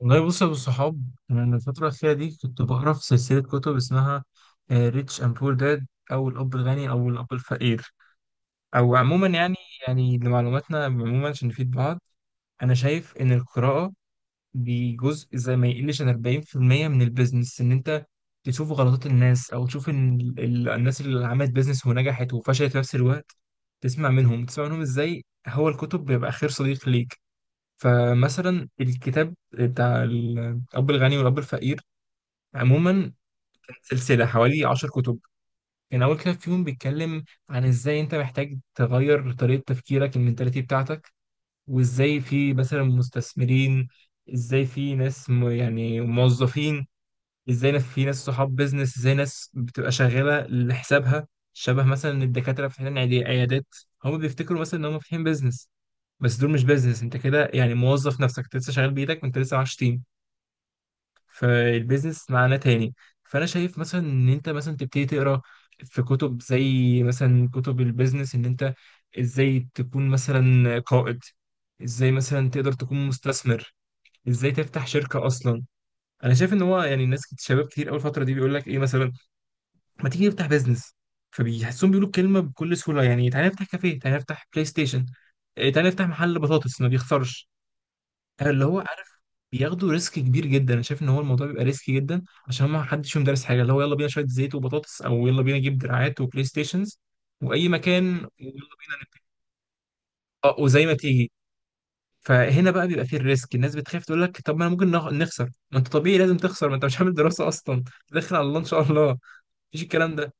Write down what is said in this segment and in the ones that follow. والله بص يا ابو الصحاب. انا من الفتره الاخيره دي كنت بقرا في سلسله كتب اسمها ريتش اند بور داد او الاب الغني او الاب الفقير، او عموما يعني. لمعلوماتنا عموما عشان نفيد بعض، انا شايف ان القراءه دي جزء زي ما يقلش عن 40% من البيزنس، ان انت تشوف غلطات الناس او تشوف ان الناس اللي عملت بيزنس ونجحت وفشلت في نفس الوقت، تسمع منهم تسمع منهم. ازاي هو الكتب بيبقى خير صديق ليك. فمثلا الكتاب بتاع الأب الغني والأب الفقير عموما سلسلة حوالي 10 كتب، كان أول كتاب فيهم بيتكلم عن إزاي أنت محتاج تغير طريقة تفكيرك المنتاليتي بتاعتك، وإزاي في مثلا مستثمرين، إزاي في ناس موظفين، ازاي ناس في ناس صحاب بيزنس، ازاي ناس بتبقى شغاله لحسابها، شبه مثلا الدكاتره فاتحين عيادات، هم بيفتكروا مثلا ان هم فاتحين بيزنس. بس دول مش بيزنس، انت كده يعني موظف نفسك، انت لسه شغال بايدك وانت لسه معكش تيم، فالبيزنس معناه تاني. فانا شايف مثلا ان انت مثلا تبتدي تقرا في كتب زي مثلا كتب البيزنس، ان انت ازاي تكون مثلا قائد، ازاي مثلا تقدر تكون مستثمر، ازاي تفتح شركة اصلا. انا شايف ان هو يعني الناس شباب كتير اول فتره دي بيقول لك ايه مثلا، ما تيجي نفتح بيزنس. فبيحسون بيقولوا الكلمه بكل سهوله، يعني تعالى نفتح كافيه، تعالى نفتح بلاي ستيشن، إيه، تعالى نفتح محل بطاطس ما بيخسرش، اللي هو عارف. بياخدوا ريسك كبير جدا، انا شايف ان هو الموضوع بيبقى ريسكي جدا، عشان ما حدش فيهم دارس حاجه، اللي هو يلا بينا شويه زيت وبطاطس او يلا بينا نجيب دراعات وبلاي ستيشنز واي مكان، وزي ما تيجي. فهنا بقى بيبقى فيه الريسك، الناس بتخاف تقول لك طب ما انا ممكن نخسر. ما انت طبيعي لازم تخسر، ما انت مش عامل دراسه اصلا، داخل على الله ان شاء الله، مفيش الكلام ده.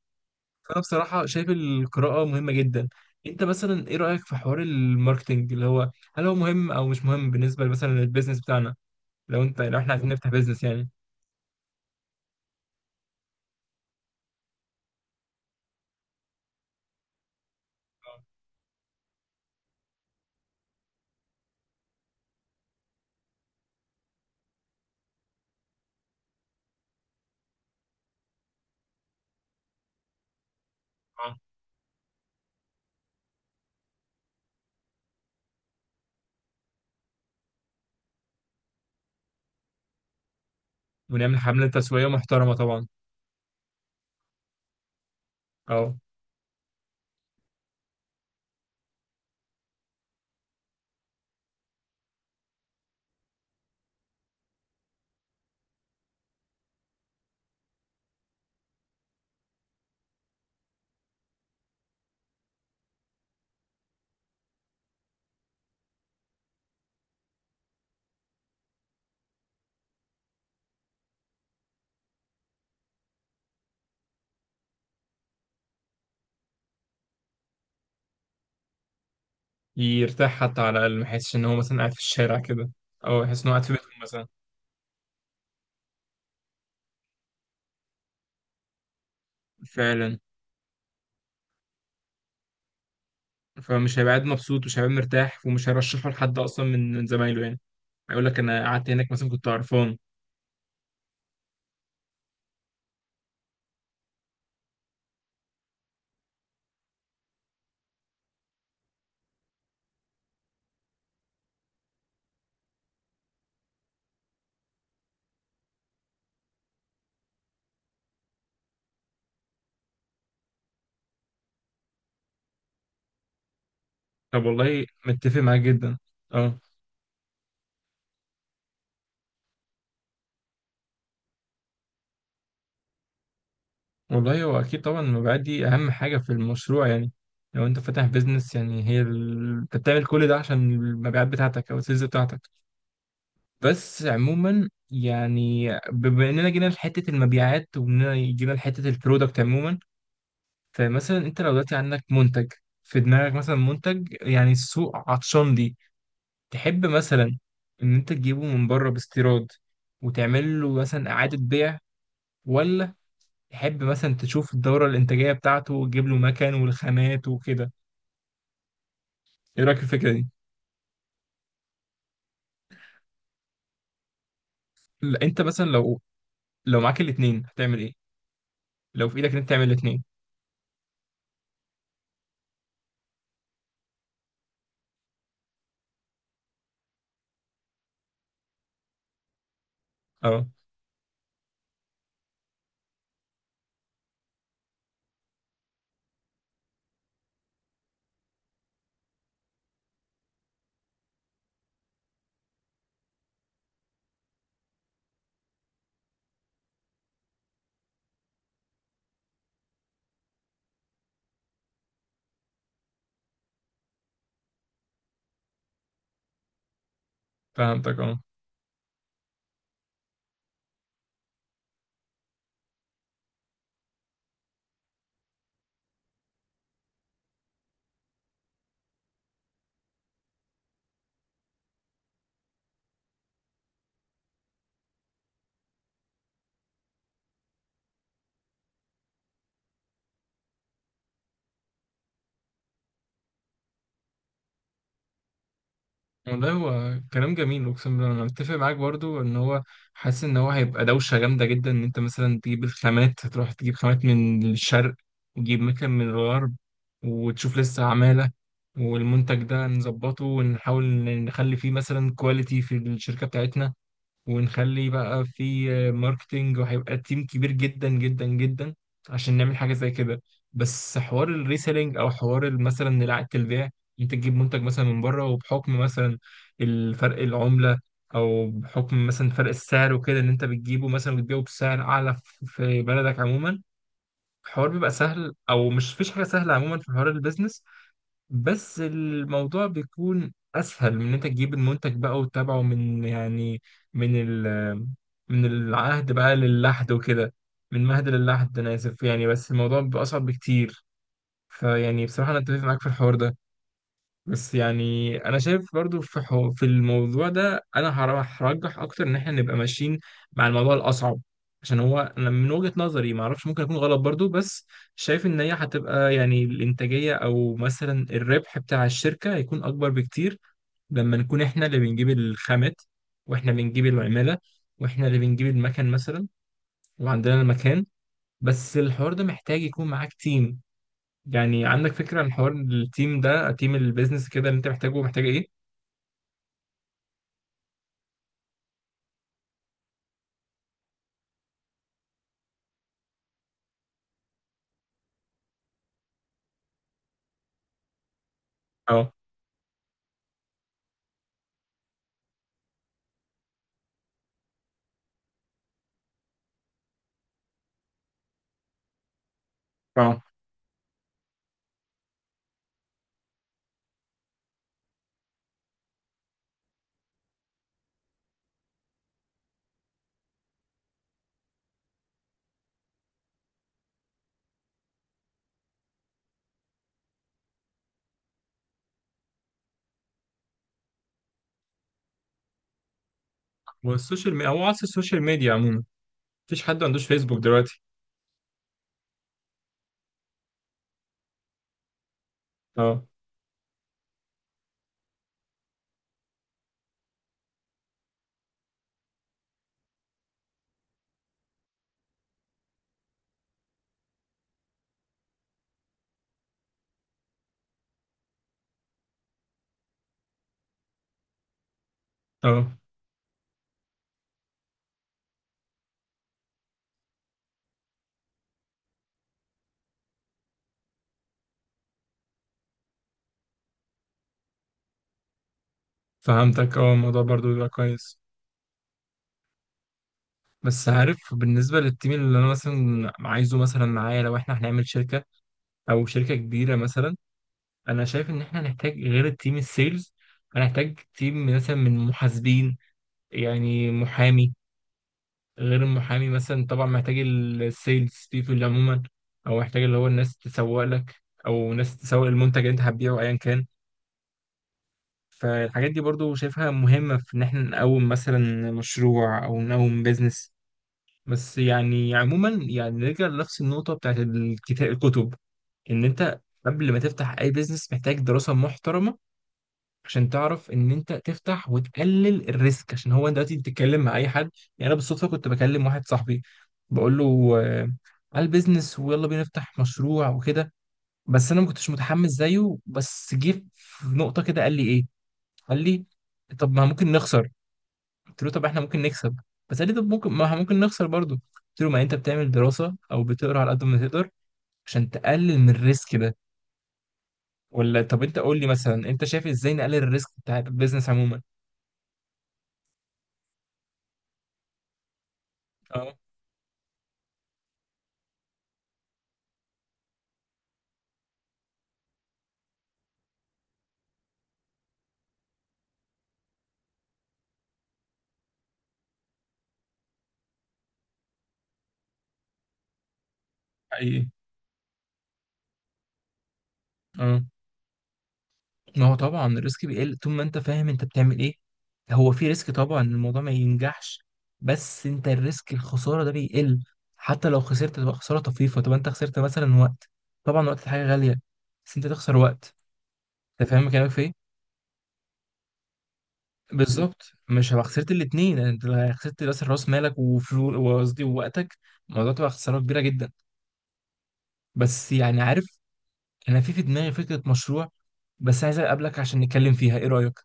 فانا بصراحه شايف القراءه مهمه جدا. انت مثلا ايه رايك في حوار الماركتنج، اللي هو هل هو مهم او مش مهم بالنسبه مثلا للبيزنس بتاعنا، لو انت لو احنا عايزين نفتح بيزنس يعني؟ آه. ونعمل حملة تسويقية محترمة طبعا. اه. يرتاح حتى على الأقل، ما يحسش إن هو مثلا قاعد في الشارع كده، أو يحس إن هو قاعد في بيتهم مثلا. فعلا. فمش هيبقى قاعد مبسوط ومش هيبقى مرتاح ومش هيرشحه لحد أصلا من زمايله يعني، هيقول لك أنا قعدت هناك مثلا كنت قرفان. طب والله متفق معاك جدا. اه. والله هو اكيد طبعا المبيعات دي اهم حاجه في المشروع يعني، لو انت فاتح بيزنس يعني هي ال... انت بتعمل كل ده عشان المبيعات بتاعتك او السيلز بتاعتك. بس عموما يعني بما اننا جينا لحته المبيعات واننا جينا لحته البرودكت عموما، فمثلا انت لو دلوقتي عندك منتج في دماغك مثلا منتج يعني السوق عطشان ليه، تحب مثلا ان انت تجيبه من بره باستيراد وتعمل له مثلا اعاده بيع، ولا تحب مثلا تشوف الدورة الإنتاجية بتاعته وتجيب له مكان والخامات وكده؟ إيه رأيك في الفكرة دي؟ لا، أنت مثلا لو لو معاك الاتنين هتعمل إيه؟ لو في إيدك إن أنت تعمل الاتنين. أه. فهمتك أه. والله هو كلام جميل اقسم بالله، انا متفق معاك برضو، ان هو حاسس ان هو هيبقى دوشه جامده جدا ان انت مثلا تجيب الخامات، تروح تجيب خامات من الشرق وتجيب مكان من الغرب وتشوف لسه عماله والمنتج ده نظبطه، ونحاول نخلي فيه مثلا كواليتي في الشركه بتاعتنا، ونخلي بقى في ماركتينج، وهيبقى تيم كبير جدا جدا جدا عشان نعمل حاجة زي كده. بس حوار الريسيلينج او حوار مثلا إعادة البيع، انت تجيب منتج مثلا من بره وبحكم مثلا الفرق العملة او بحكم مثلا فرق السعر وكده، ان انت بتجيبه مثلا وتبيعه بسعر اعلى في بلدك عموما، الحوار بيبقى سهل. او مش فيش حاجة سهلة عموما في حوار البيزنس، بس الموضوع بيكون اسهل من ان انت تجيب المنتج بقى وتتابعه من يعني من ال من العهد بقى للحد وكده، من مهد للحد، انا اسف يعني، بس الموضوع بيبقى اصعب بكتير. فيعني بصراحة انا اتفق معاك في الحوار ده، بس يعني انا شايف برضو في في الموضوع ده انا هرجح اكتر ان احنا نبقى ماشيين مع الموضوع الاصعب، عشان هو انا من وجهة نظري ما اعرفش، ممكن اكون غلط برضو، بس شايف ان هي هتبقى يعني الانتاجية او مثلا الربح بتاع الشركة هيكون اكبر بكتير لما نكون احنا اللي بنجيب الخامات واحنا بنجيب العمالة واحنا اللي بنجيب المكن مثلا وعندنا المكان. بس الحوار ده محتاج يكون معاك تيم، يعني عندك فكرة عن حوار التيم ده، تيم البيزنس كده اللي انت محتاجه، محتاج ايه؟ اه. اه. والسوشيال ميديا، هو عصر السوشيال ميديا عموما، مفيش حد ما عندوش فيسبوك دلوقتي. اه. اه. فهمتك، اه الموضوع برضو بيبقى كويس. بس عارف، بالنسبة للتيم اللي أنا مثلا عايزه مثلا معايا لو إحنا هنعمل شركة أو شركة كبيرة مثلا، أنا شايف إن إحنا هنحتاج غير التيم السيلز، هنحتاج تيم مثلا من محاسبين، يعني محامي، غير المحامي مثلا، طبعا محتاج السيلز بيبول عموما، أو محتاج اللي هو الناس تسوق لك، أو ناس تسوق المنتج اللي أنت هتبيعه أيا كان. فالحاجات دي برضو شايفها مهمة في إن إحنا نقوم مثلا مشروع أو نقوم بيزنس. بس يعني عموما يعني نرجع لنفس النقطة بتاعت الكتاب الكتب، إن أنت قبل ما تفتح أي بيزنس محتاج دراسة محترمة عشان تعرف إن أنت تفتح وتقلل الريسك، عشان هو أنت دلوقتي بتتكلم مع أي حد. يعني أنا بالصدفة كنت بكلم واحد صاحبي، بقول له آه، على البيزنس ويلا بينا نفتح مشروع وكده، بس أنا ما كنتش متحمس زيه، بس جه في نقطة كده قال لي إيه، قال لي طب ما ممكن نخسر. قلت له طب احنا ممكن نكسب. بس قال لي طب ممكن، ما احنا ممكن نخسر برضه. قلت له ما انت بتعمل دراسة او بتقرا على قد ما تقدر عشان تقلل من الريسك ده. ولا طب انت قول لي مثلا انت شايف ازاي نقلل الريسك بتاع البيزنس عموما؟ اه. حقيقي. اه. ما هو طبعا الريسك بيقل طول ما انت فاهم انت بتعمل ايه. هو في ريسك طبعا إن الموضوع ما ينجحش، بس انت الريسك الخسارة ده بيقل، حتى لو خسرت تبقى خسارة طفيفة. طب انت خسرت مثلا وقت، طبعا وقت حاجة غالية، بس انت تخسر وقت. انت فاهم كلامك في ايه؟ بالظبط، مش هبقى خسرت الاثنين. انت لو خسرت راس راس مالك وفلوس، وقصدي ووقتك، الموضوع تبقى خساره كبيره جدا. بس يعني عارف، انا في دماغي فكره مشروع، بس عايز اقابلك عشان نتكلم فيها، ايه رايك؟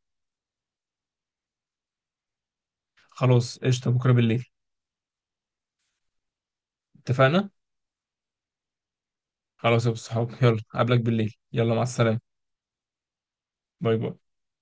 خلاص قشطه، بكره بالليل. اتفقنا؟ خلاص يا ابو الصحاب، يلا اقابلك بالليل، يلا مع السلامه. باي باي.